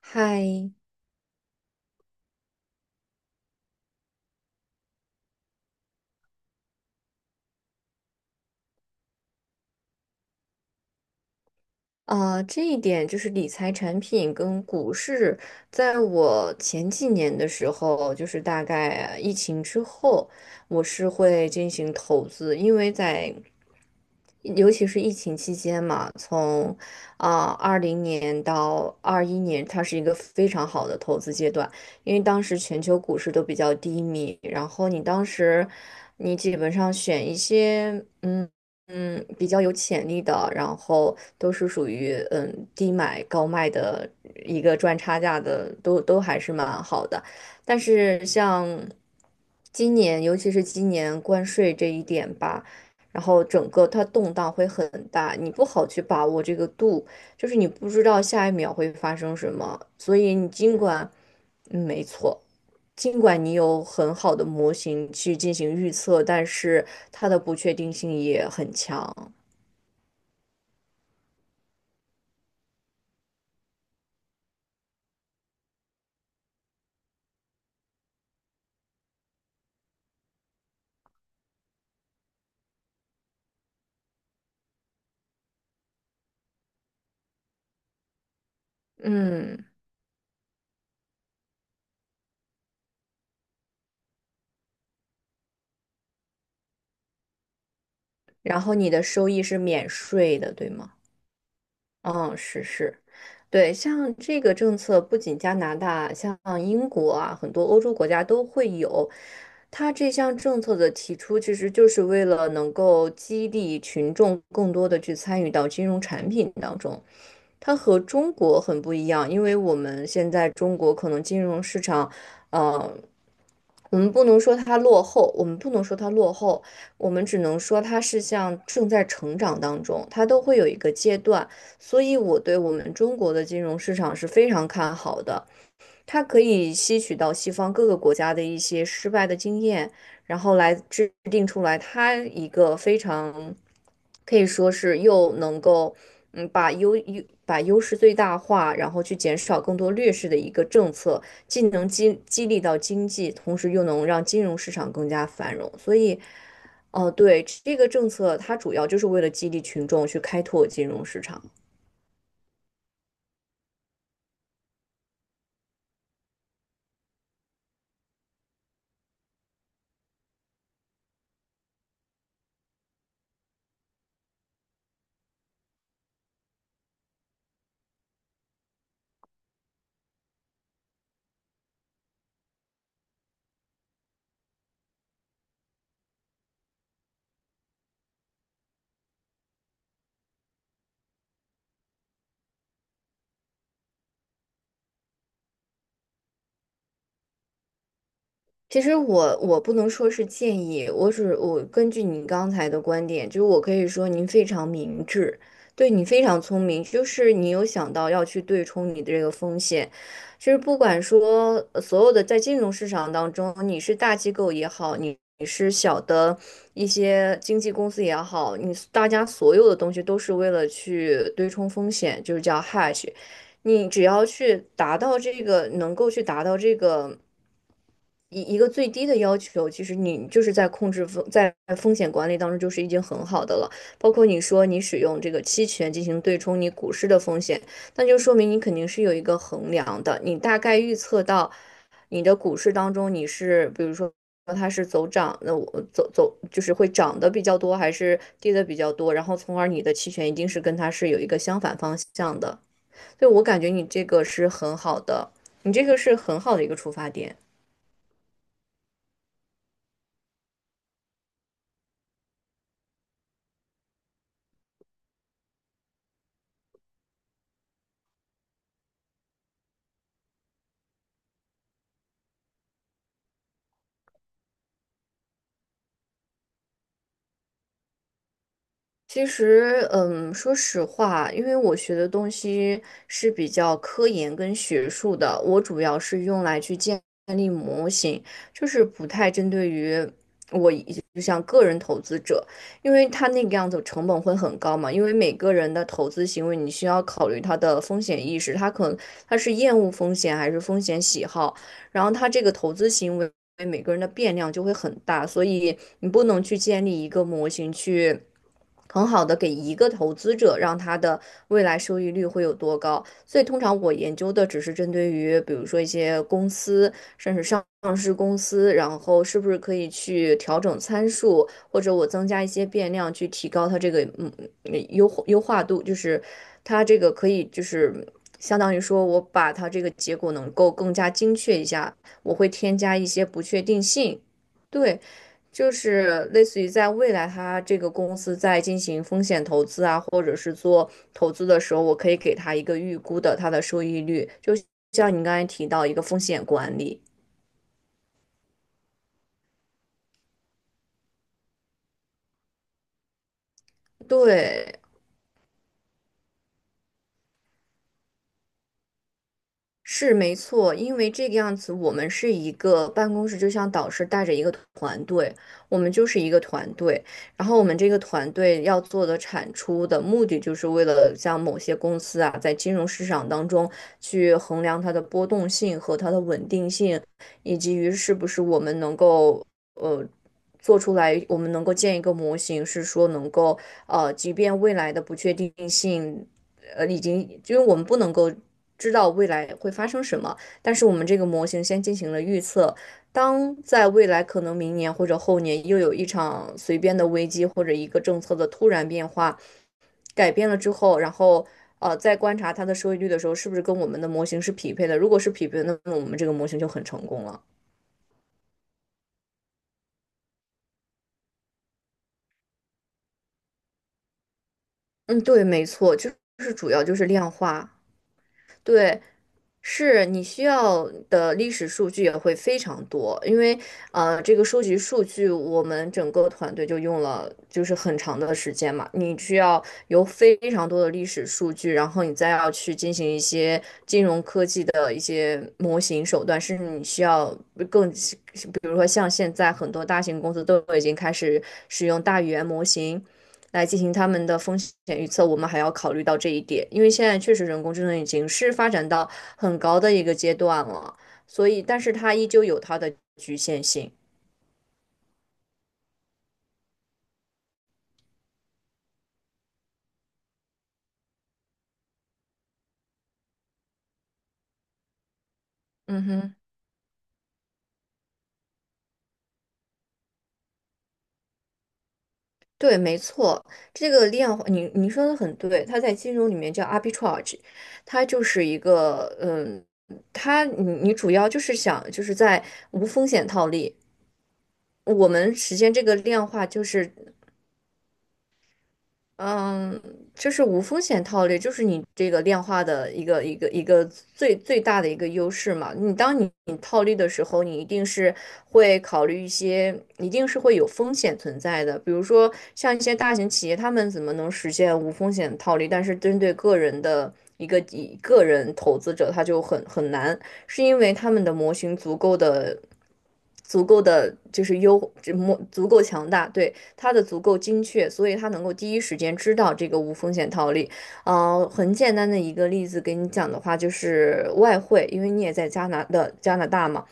嗨，这一点就是理财产品跟股市，在我前几年的时候，就是大概疫情之后，我是会进行投资，因为在尤其是疫情期间嘛，从20年到21年，它是一个非常好的投资阶段，因为当时全球股市都比较低迷，然后你当时你基本上选一些。嗯。比较有潜力的，然后都是属于低买高卖的一个赚差价的，都还是蛮好的。但是像今年，尤其是今年关税这一点吧，然后整个它动荡会很大，你不好去把握这个度，就是你不知道下一秒会发生什么，所以你尽管，嗯，没错。尽管你有很好的模型去进行预测，但是它的不确定性也很强。嗯，然后你的收益是免税的，对吗？嗯，是是，对，像这个政策，不仅加拿大，像英国啊，很多欧洲国家都会有。它这项政策的提出，其实就是为了能够激励群众更多的去参与到金融产品当中。它和中国很不一样，因为我们现在中国可能金融市场，呃，我们不能说它落后，我们不能说它落后，我们只能说它是像正在成长当中，它都会有一个阶段。所以我对我们中国的金融市场是非常看好的，它可以吸取到西方各个国家的一些失败的经验，然后来制定出来它一个非常可以说是又能够把优势最大化，然后去减少更多劣势的一个政策，既能激励到经济，同时又能让金融市场更加繁荣，所以。哦，对，这个政策它主要就是为了激励群众去开拓金融市场。其实我不能说是建议，我根据你刚才的观点，就是我可以说您非常明智，对你非常聪明，就是你有想到要去对冲你的这个风险，就是不管说所有的在金融市场当中，你是大机构也好，你是小的一些经纪公司也好，你大家所有的东西都是为了去对冲风险，就是叫 hadge 你只要去达到这个，能够去达到这个。一个最低的要求，其实你就是在风险管理当中就是已经很好的了。包括你说你使用这个期权进行对冲你股市的风险，那就说明你肯定是有一个衡量的，你大概预测到你的股市当中你是，比如说它是走涨，那我走就是会涨的比较多，还是跌的比较多，然后从而你的期权一定是跟它是有一个相反方向的。所以我感觉你这个是很好的，你这个是很好的一个出发点。其实，说实话，因为我学的东西是比较科研跟学术的，我主要是用来去建立模型，就是不太针对于我一就像个人投资者，因为他那个样子成本会很高嘛，因为每个人的投资行为你需要考虑他的风险意识，他可能他是厌恶风险还是风险喜好。然后他这个投资行为每个人的变量就会很大，所以你不能去建立一个模型去。很好的给一个投资者，让他的未来收益率会有多高。所以通常我研究的只是针对于，比如说一些公司，甚至上市公司，然后是不是可以去调整参数，或者我增加一些变量去提高它这个优化度，就是它这个可以就是相当于说我把它这个结果能够更加精确一下，我会添加一些不确定性。对，就是类似于在未来，它这个公司在进行风险投资啊，或者是做投资的时候，我可以给它一个预估的它的收益率，就像你刚才提到一个风险管理。对，是没错，因为这个样子，我们是一个办公室，就像导师带着一个团队，我们就是一个团队。然后我们这个团队要做的产出的目的，就是为了像某些公司啊，在金融市场当中去衡量它的波动性和它的稳定性，以及于是不是我们能够呃做出来，我们能够建一个模型，是说能够即便未来的不确定性。已经，因为我们不能够知道未来会发生什么，但是我们这个模型先进行了预测。当在未来可能明年或者后年又有一场随便的危机或者一个政策的突然变化改变了之后，然后在观察它的收益率的时候，是不是跟我们的模型是匹配的？如果是匹配的，那么我们这个模型就很成功了。嗯，对，没错，就是主要就是量化。对，是你需要的历史数据也会非常多，因为这个收集数据，我们整个团队就用了就是很长的时间嘛。你需要有非常多的历史数据，然后你再要去进行一些金融科技的一些模型手段，甚至你需要更，比如说像现在很多大型公司都已经开始使用大语言模型，来进行他们的风险预测，我们还要考虑到这一点，因为现在确实人工智能已经是发展到很高的一个阶段了，所以，但是它依旧有它的局限性。嗯哼，对，没错，这个量化，你说的很对，它在金融里面叫 arbitrage，它就是一个，它你主要就是想就是在无风险套利。我们实现这个量化，就是嗯，就是无风险套利，就是你这个量化的一个最大的一个优势嘛。当你套利的时候，你一定是会考虑一些，一定是会有风险存在的。比如说像一些大型企业，他们怎么能实现无风险套利？但是针对个人的一个投资者，他就很难，是因为他们的模型足够的。足够的就是优，这模足够强大，对，它的足够精确，所以它能够第一时间知道这个无风险套利。很简单的一个例子给你讲的话，就是外汇，因为你也在加拿大嘛。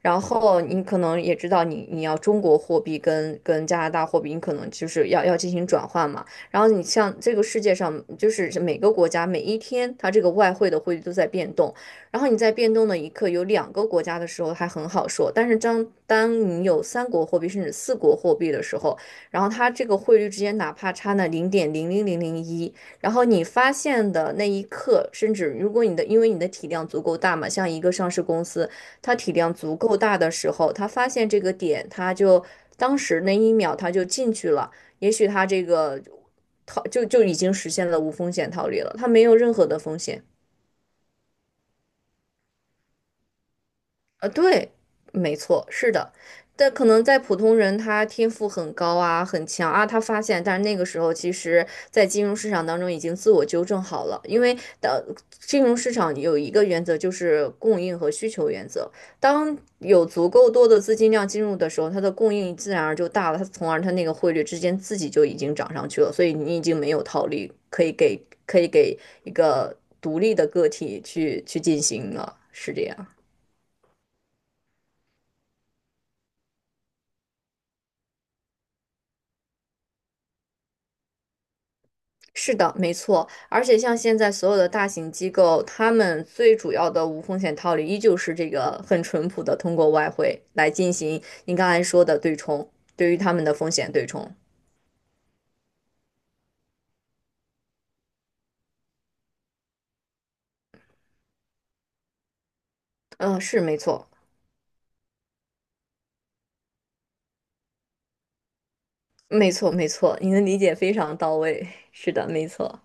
然后你可能也知道你，你要中国货币跟加拿大货币，你可能就是要进行转换嘛。然后你像这个世界上，就是每个国家每一天，它这个外汇的汇率都在变动。然后你在变动的一刻，有两个国家的时候还很好说，但是当你有三国货币甚至四国货币的时候，然后它这个汇率之间哪怕差那0.00001，然后你发现的那一刻，甚至如果你的因为你的体量足够大嘛，像一个上市公司。他体量足够大的时候，他发现这个点，他就当时那一秒他就进去了。也许他这个就已经实现了无风险套利了，他没有任何的风险。对，没错，是的，但可能在普通人，他天赋很高啊，很强啊，他发现，但是那个时候，其实，在金融市场当中已经自我纠正好了，因为当金融市场有一个原则就是供应和需求原则，当有足够多的资金量进入的时候，它的供应自然而就大了，它从而它那个汇率之间自己就已经涨上去了，所以你已经没有套利可以给一个独立的个体去进行了，是这样。是的，没错，而且像现在所有的大型机构，他们最主要的无风险套利依旧是这个很淳朴的通过外汇来进行您刚才说的对冲，对于他们的风险对冲。嗯，是没错，没错，没错，您的理解非常到位。是的，没错。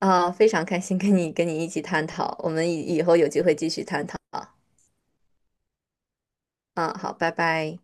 啊，非常开心跟你一起探讨，我们以后有机会继续探讨啊。嗯，好，拜拜。